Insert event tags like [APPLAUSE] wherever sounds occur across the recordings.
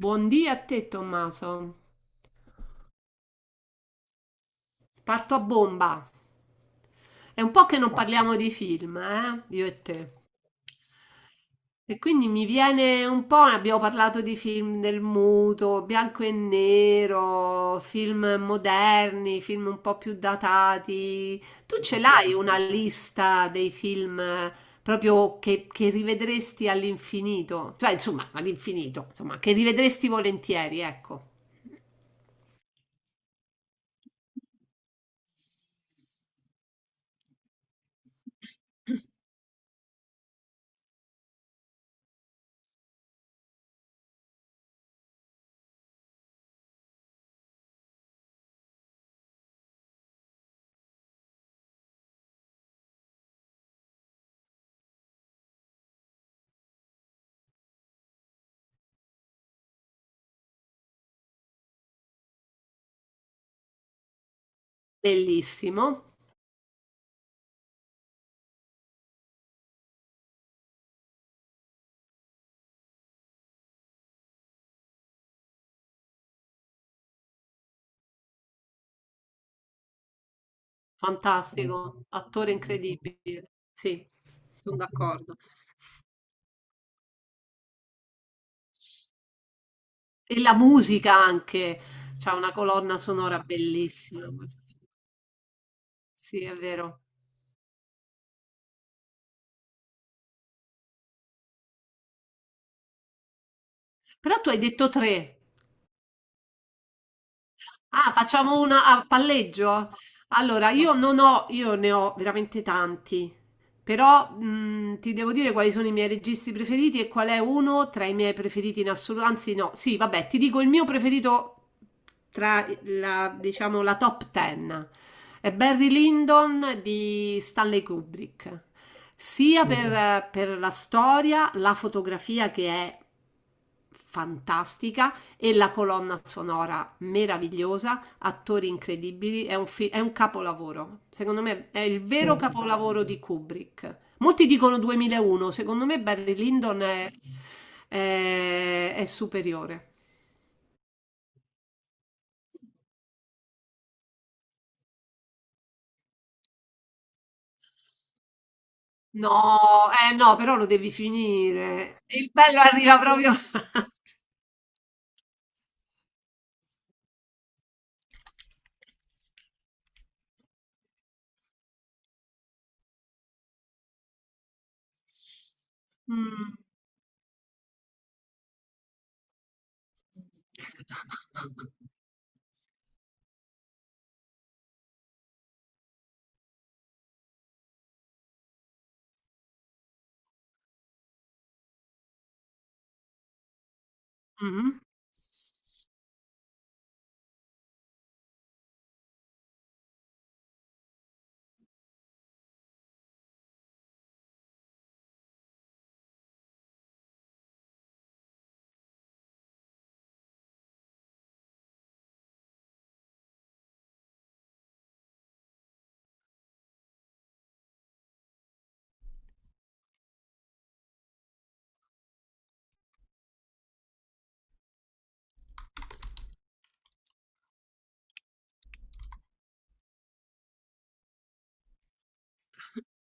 Buondì a te, Tommaso. Parto a bomba. È un po' che non parliamo di film, eh? Io e te. E quindi mi viene un po', ne abbiamo parlato di film del muto, bianco e nero, film moderni, film un po' più datati. Tu ce l'hai una lista dei film proprio che rivedresti all'infinito? Cioè, insomma, all'infinito, insomma, che rivedresti volentieri, ecco. Bellissimo. Fantastico, attore incredibile. Sì, son d'accordo. E la musica anche, c'ha una colonna sonora bellissima quel film. Sì, è vero. Però tu hai detto 3. Ah, facciamo una a palleggio? Allora, io non ho, io ne ho veramente tanti, però ti devo dire quali sono i miei registi preferiti e qual è uno tra i miei preferiti in assoluto. Anzi, no, sì, vabbè, ti dico il mio preferito tra la, diciamo, la top ten. È Barry Lyndon di Stanley Kubrick, sia per, per la storia, la fotografia che è fantastica e la colonna sonora meravigliosa, attori incredibili, è un capolavoro. Secondo me è il vero capolavoro di Kubrick. Molti dicono 2001, secondo me Barry Lyndon è, è superiore. No, no, però lo devi finire. Il bello arriva proprio... [LAUGHS] Mm. [LAUGHS]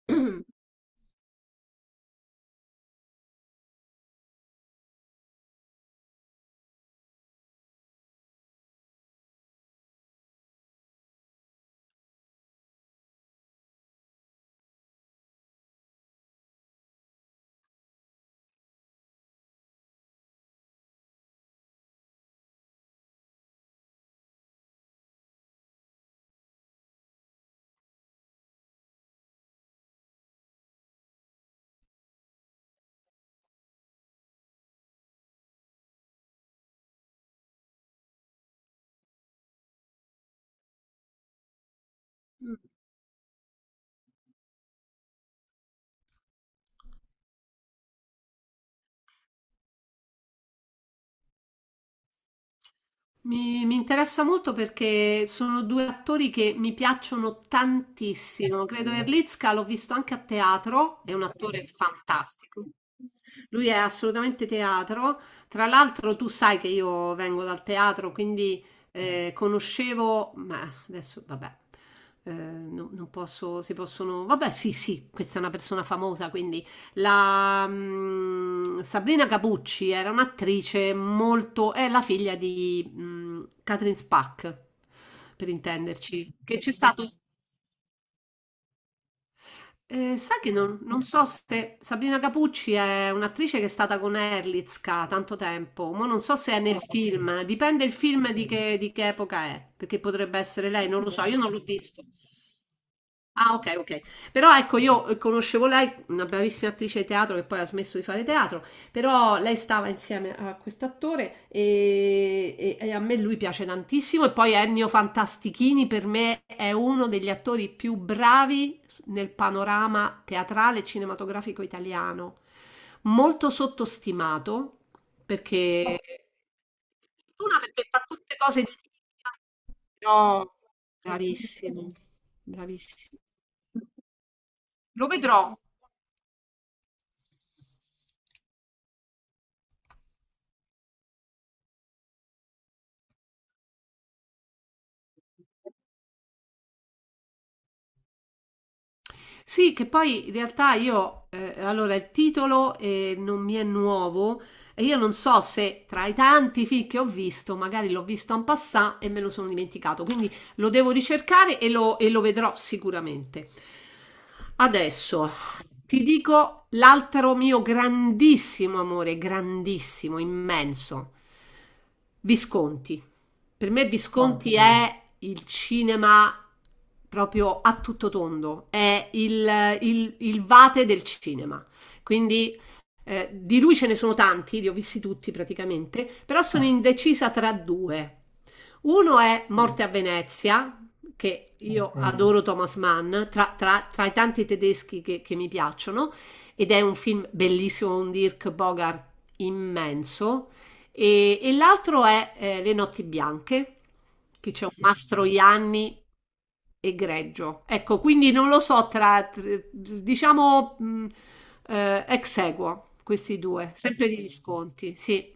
Mhm. [CLEARS THROAT] Mi interessa molto perché sono due attori che mi piacciono tantissimo. Credo Erlicka l'ho visto anche a teatro, è un attore fantastico. Lui è assolutamente teatro. Tra l'altro, tu sai che io vengo dal teatro, quindi conoscevo, ma adesso vabbè, non posso, si possono, vabbè, sì, sì, questa è una persona famosa, quindi Sabrina Capucci era un'attrice molto... è la figlia di Catherine Spack, per intenderci, che c'è stato... sai che non so se Sabrina Capucci è un'attrice che è stata con Erlitzka tanto tempo, ma non so se è nel film, dipende il film di di che epoca è, perché potrebbe essere lei, non lo so, io non l'ho visto. Ah, ok, ok. Però ecco, io conoscevo lei, una bravissima attrice di teatro che poi ha smesso di fare teatro, però lei stava insieme a quest'attore e a me lui piace tantissimo. E poi Ennio Fantastichini per me è uno degli attori più bravi nel panorama teatrale e cinematografico italiano. Molto sottostimato perché... Una perché fa tutte cose di... No, bravissimo. Lo vedrò. Sì, che poi in realtà io, allora il titolo non mi è nuovo e io non so se tra i tanti film che ho visto, magari l'ho visto en passant e me lo sono dimenticato, quindi lo devo ricercare e lo vedrò sicuramente. Adesso ti dico l'altro mio grandissimo amore, grandissimo, immenso, Visconti. Per me Visconti oh, è il cinema proprio a tutto tondo, è il vate del cinema. Quindi di lui ce ne sono tanti, li ho visti tutti praticamente, però sono indecisa tra due. Uno è Morte a Venezia, che io adoro Thomas Mann, tra i tanti tedeschi che mi piacciono, ed è un film bellissimo, un Dirk Bogart immenso. E l'altro è Le notti bianche, che c'è un Mastro Ianni egregio. Ecco, quindi non lo so diciamo ex aequo, questi due, sempre degli sconti, sì.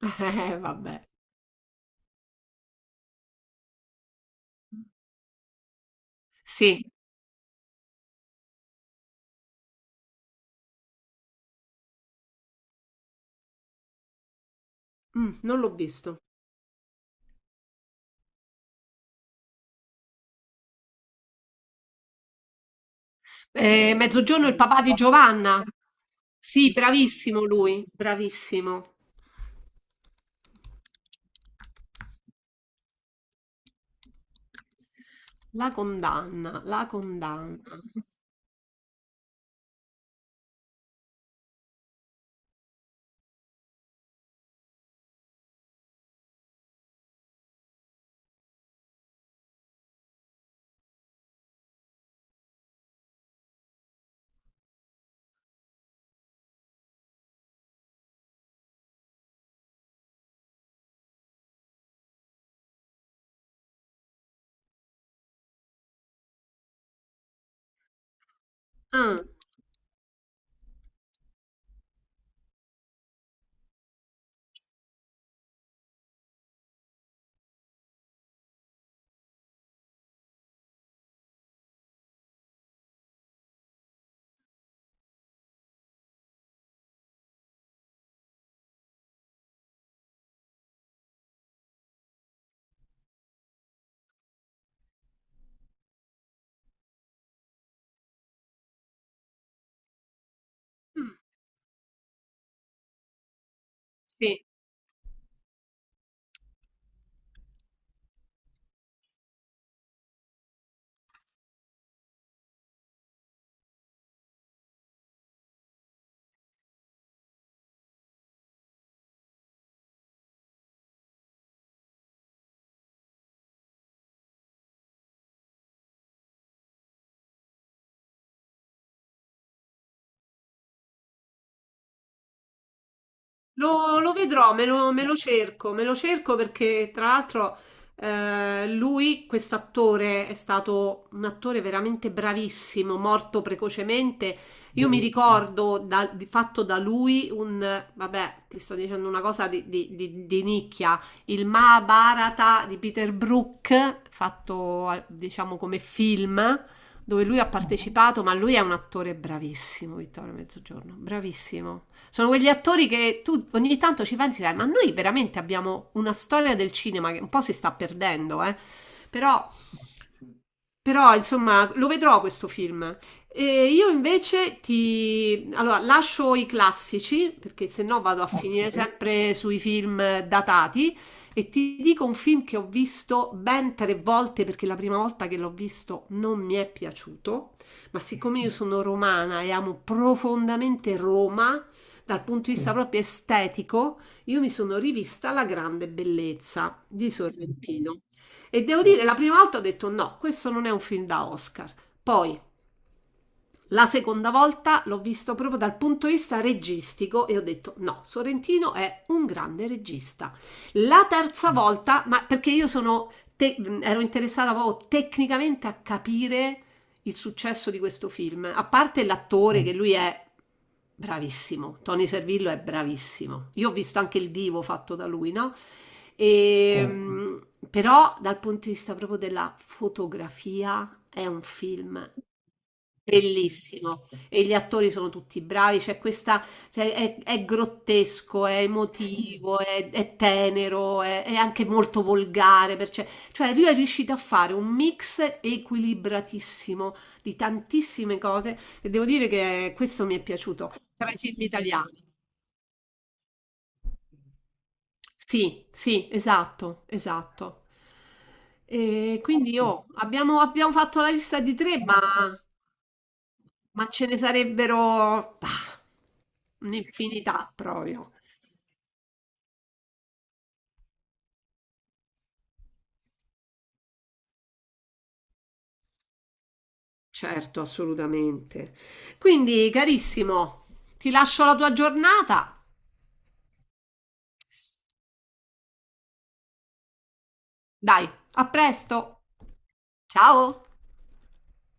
[LAUGHS] Vabbè, sì, Mm, non l'ho visto. Mezzogiorno, il papà di Giovanna. Sì, bravissimo lui, bravissimo. La condanna, la condanna. Ah, mm, sì. Lo vedrò, me lo cerco perché tra l'altro lui, questo attore, è stato un attore veramente bravissimo, morto precocemente. Io mi ricordo da- di fatto da lui un, vabbè, ti sto dicendo una cosa di nicchia, il Mahabharata di Peter Brook, fatto diciamo come film, dove lui ha partecipato, ma lui è un attore bravissimo, Vittorio Mezzogiorno, bravissimo. Sono quegli attori che tu ogni tanto ci pensi, dai, ma noi veramente abbiamo una storia del cinema che un po' si sta perdendo, eh? Però insomma, lo vedrò questo film. E io invece ti... Allora, lascio i classici, perché se no vado a finire sempre sui film datati, e ti dico un film che ho visto ben tre volte, perché la prima volta che l'ho visto non mi è piaciuto, ma siccome io sono romana e amo profondamente Roma, dal punto di vista proprio estetico, io mi sono rivista La grande bellezza di Sorrentino. E devo dire, la prima volta ho detto no, questo non è un film da Oscar. Poi, la seconda volta l'ho visto proprio dal punto di vista registico e ho detto no, Sorrentino è un grande regista. La terza volta, ma perché ero interessata proprio tecnicamente a capire il successo di questo film, a parte l'attore che lui è bravissimo, Tony Servillo è bravissimo. Io ho visto anche il divo fatto da lui, no? E, mm. Però dal punto di vista proprio della fotografia è un film bellissimo. E gli attori sono tutti bravi, c'è questa, cioè, è grottesco, è emotivo, è tenero, è anche molto volgare, perché, cioè lui è riuscito a fare un mix equilibratissimo di tantissime cose e devo dire che questo mi è piaciuto tra i film italiani. Sì, sì, esatto, esatto. E quindi abbiamo fatto la lista di tre, ma ce ne sarebbero bah, un'infinità proprio. Certo, assolutamente. Quindi, carissimo, ti lascio la tua giornata. Dai, a presto. Ciao.